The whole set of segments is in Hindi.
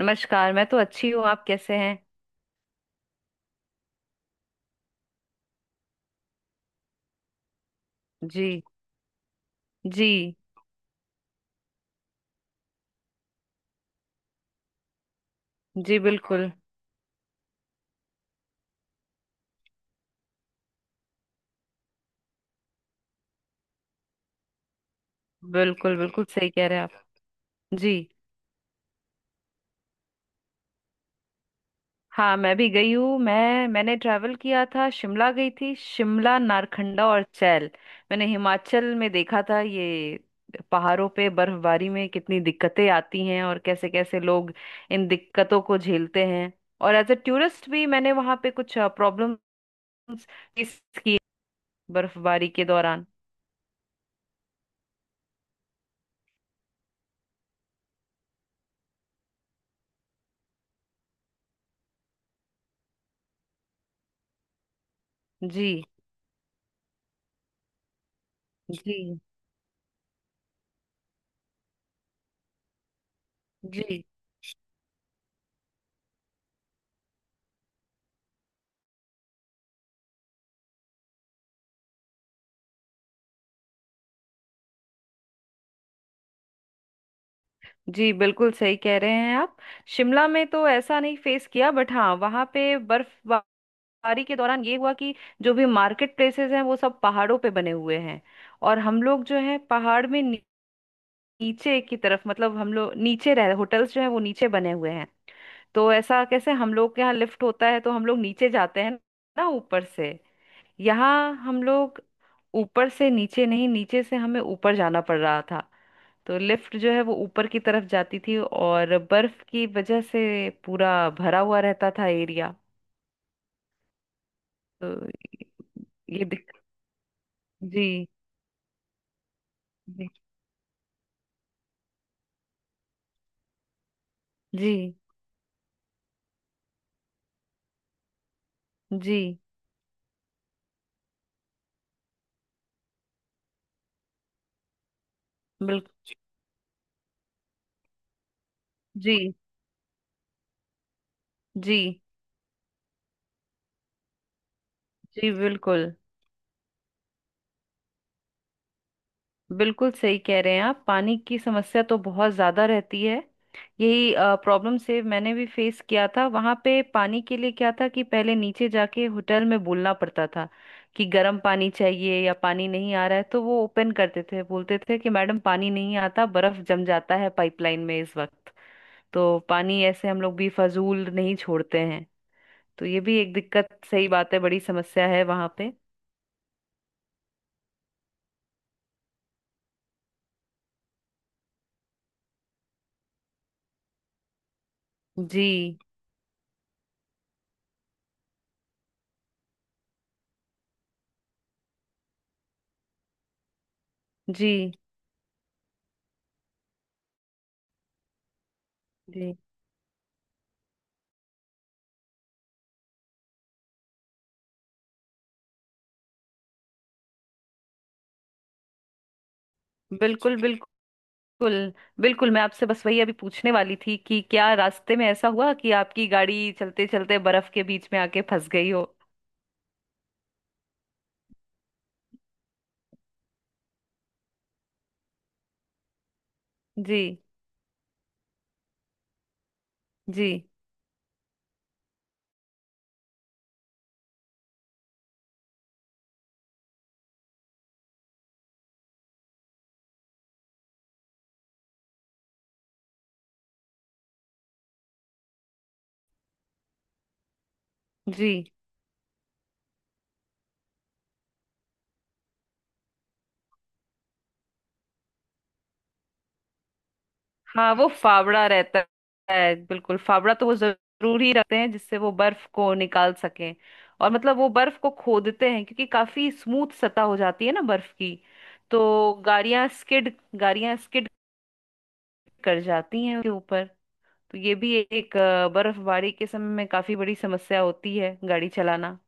नमस्कार। मैं तो अच्छी हूँ। आप कैसे हैं? जी। जी। जी। बिल्कुल, बिल्कुल, बिल्कुल सही कह रहे हैं आप। जी। हाँ मैं भी गई हूँ। मैंने ट्रैवल किया था। शिमला गई थी। शिमला, नारखंडा और चैल। मैंने हिमाचल में देखा था ये, पहाड़ों पे बर्फबारी में कितनी दिक्कतें आती हैं और कैसे कैसे लोग इन दिक्कतों को झेलते हैं। और एज ए टूरिस्ट भी मैंने वहाँ पे कुछ प्रॉब्लम्स फेस की बर्फबारी के दौरान। जी। जी। जी। जी। बिल्कुल सही कह रहे हैं आप। शिमला में तो ऐसा नहीं फेस किया, बट हाँ वहाँ पे बर्फबारी के दौरान ये हुआ कि जो भी मार्केट प्लेसेस हैं वो सब पहाड़ों पे बने हुए हैं। और हम लोग जो है पहाड़ में नीचे की तरफ, मतलब हम लोग नीचे रह, होटल्स जो है वो नीचे बने हुए हैं। तो ऐसा कैसे, हम लोग के यहाँ लिफ्ट होता है तो हम लोग नीचे जाते हैं ना, ऊपर से। यहाँ हम लोग ऊपर से नीचे नहीं, नीचे से हमें ऊपर जाना पड़ रहा था। तो लिफ्ट जो है वो ऊपर की तरफ जाती थी और बर्फ की वजह से पूरा भरा हुआ रहता था एरिया। तो ये दिक... जी। जी। जी। जी। बिल्कुल। जी। जी। जी। बिल्कुल, बिल्कुल सही कह रहे हैं आप। पानी की समस्या तो बहुत ज़्यादा रहती है। यही प्रॉब्लम से मैंने भी फेस किया था। वहाँ पे पानी के लिए क्या था कि पहले नीचे जाके होटल में बोलना पड़ता था कि गर्म पानी चाहिए या पानी नहीं आ रहा है, तो वो ओपन करते थे, बोलते थे कि मैडम पानी नहीं आता, बर्फ जम जाता है पाइपलाइन में इस वक्त। तो पानी ऐसे हम लोग भी फजूल नहीं छोड़ते हैं। तो ये भी एक दिक्कत, सही बात है, बड़ी समस्या है वहाँ पे। जी। जी। जी। बिल्कुल। बिल्कुल। बिल्कुल। बिल्कुल मैं आपसे बस वही अभी पूछने वाली थी कि क्या रास्ते में ऐसा हुआ कि आपकी गाड़ी चलते चलते बर्फ के बीच में आके फंस गई हो। जी। जी। जी। हाँ वो फावड़ा रहता है, बिल्कुल। फावड़ा तो वो जरूरी रखते हैं जिससे वो बर्फ को निकाल सकें। और मतलब वो बर्फ को खोदते हैं क्योंकि काफी स्मूथ सतह हो जाती है ना बर्फ की। तो गाड़ियां स्किड कर जाती हैं उसके ऊपर। तो ये भी एक बर्फबारी के समय में काफी बड़ी समस्या होती है गाड़ी चलाना।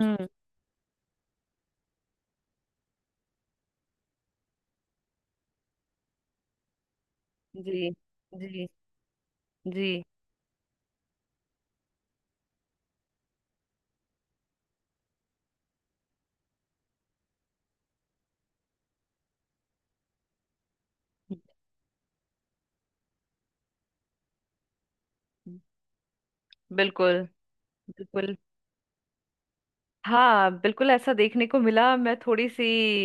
हम्म। जी। जी। जी। बिल्कुल। बिल्कुल। हाँ बिल्कुल ऐसा देखने को मिला। मैं थोड़ी सी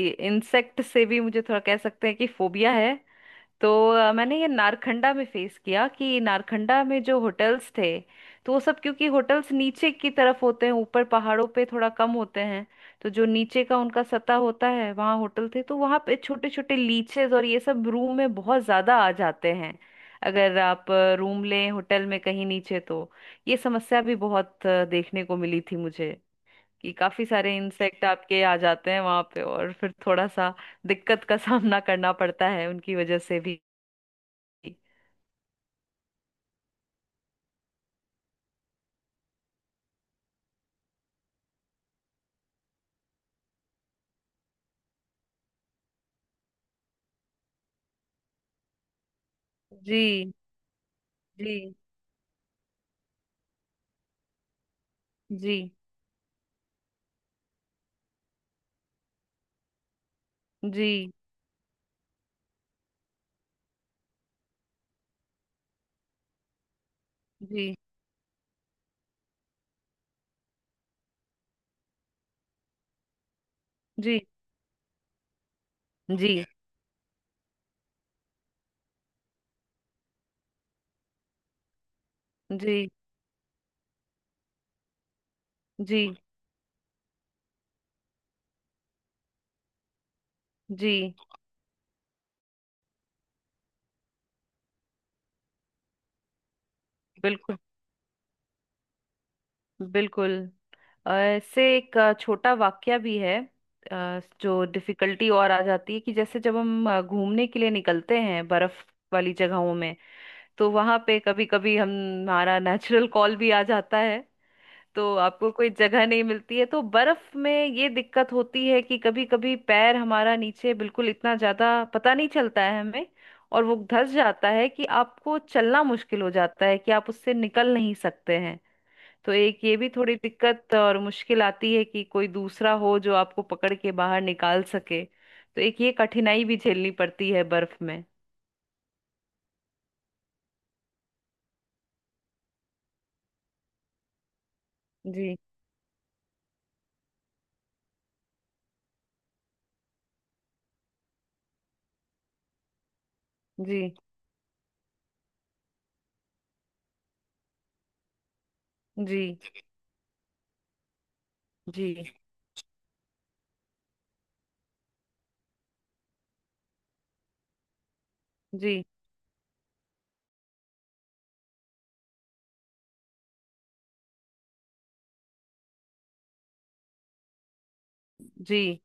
इंसेक्ट से भी, मुझे थोड़ा कह सकते हैं कि फोबिया है। तो मैंने ये नारखंडा में फेस किया कि नारखंडा में जो होटल्स थे, तो वो सब क्योंकि होटल्स नीचे की तरफ होते हैं, ऊपर पहाड़ों पे थोड़ा कम होते हैं। तो जो नीचे का उनका सतह होता है वहाँ होटल थे, तो वहाँ पे छोटे छोटे लीचेस और ये सब रूम में बहुत ज्यादा आ जाते हैं, अगर आप रूम लें होटल में कहीं नीचे। तो ये समस्या भी बहुत देखने को मिली थी मुझे कि काफी सारे इंसेक्ट आपके आ जाते हैं वहां पे और फिर थोड़ा सा दिक्कत का सामना करना पड़ता है उनकी वजह से भी। जी। जी। जी। जी। जी। जी। जी। जी। जी। जी। बिल्कुल। बिल्कुल। ऐसे एक छोटा वाक्या भी है। जो डिफिकल्टी और आ जाती है कि जैसे जब हम घूमने के लिए निकलते हैं बर्फ वाली जगहों में, तो वहां पे कभी कभी हम हमारा नेचुरल कॉल भी आ जाता है। तो आपको कोई जगह नहीं मिलती है तो बर्फ में ये दिक्कत होती है कि कभी कभी पैर हमारा नीचे बिल्कुल इतना ज्यादा पता नहीं चलता है हमें, और वो धंस जाता है कि आपको चलना मुश्किल हो जाता है कि आप उससे निकल नहीं सकते हैं। तो एक ये भी थोड़ी दिक्कत और मुश्किल आती है कि कोई दूसरा हो जो आपको पकड़ के बाहर निकाल सके, तो एक ये कठिनाई भी झेलनी पड़ती है बर्फ में। जी। जी। जी। जी। जी। जी। जी।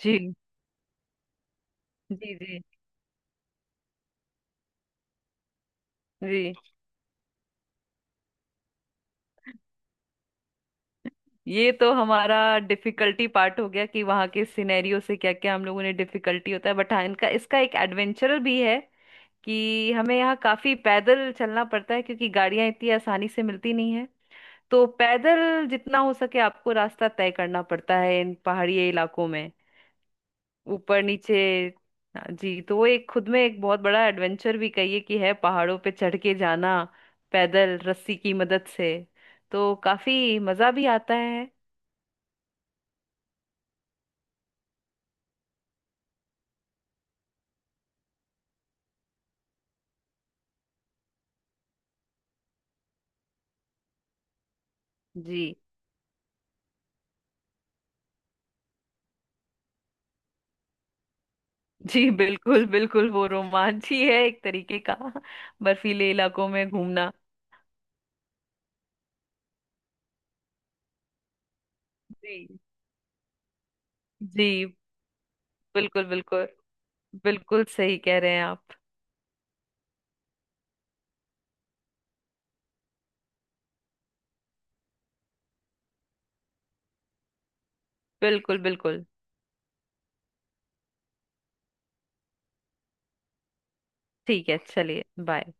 जी। जी। जी। जी। ये तो हमारा डिफिकल्टी पार्ट हो गया कि वहां के सिनेरियो से क्या क्या हम लोगों ने, डिफिकल्टी होता है, बट हाँ इनका, इसका एक एडवेंचर भी है कि हमें यहाँ काफी पैदल चलना पड़ता है क्योंकि गाड़ियां इतनी आसानी से मिलती नहीं है। तो पैदल जितना हो सके आपको रास्ता तय करना पड़ता है इन पहाड़ी इलाकों में, ऊपर नीचे। हाँ जी, तो वो एक खुद में एक बहुत बड़ा एडवेंचर भी कहिए कि है, पहाड़ों पे चढ़ के जाना पैदल, रस्सी की मदद से, तो काफी मजा भी आता है। जी। जी। बिल्कुल, बिल्कुल वो रोमांच ही है एक तरीके का, बर्फीले इलाकों में घूमना। जी। जी। बिल्कुल। बिल्कुल। बिल्कुल सही कह रहे हैं आप। बिल्कुल। बिल्कुल। ठीक है, चलिए, बाय।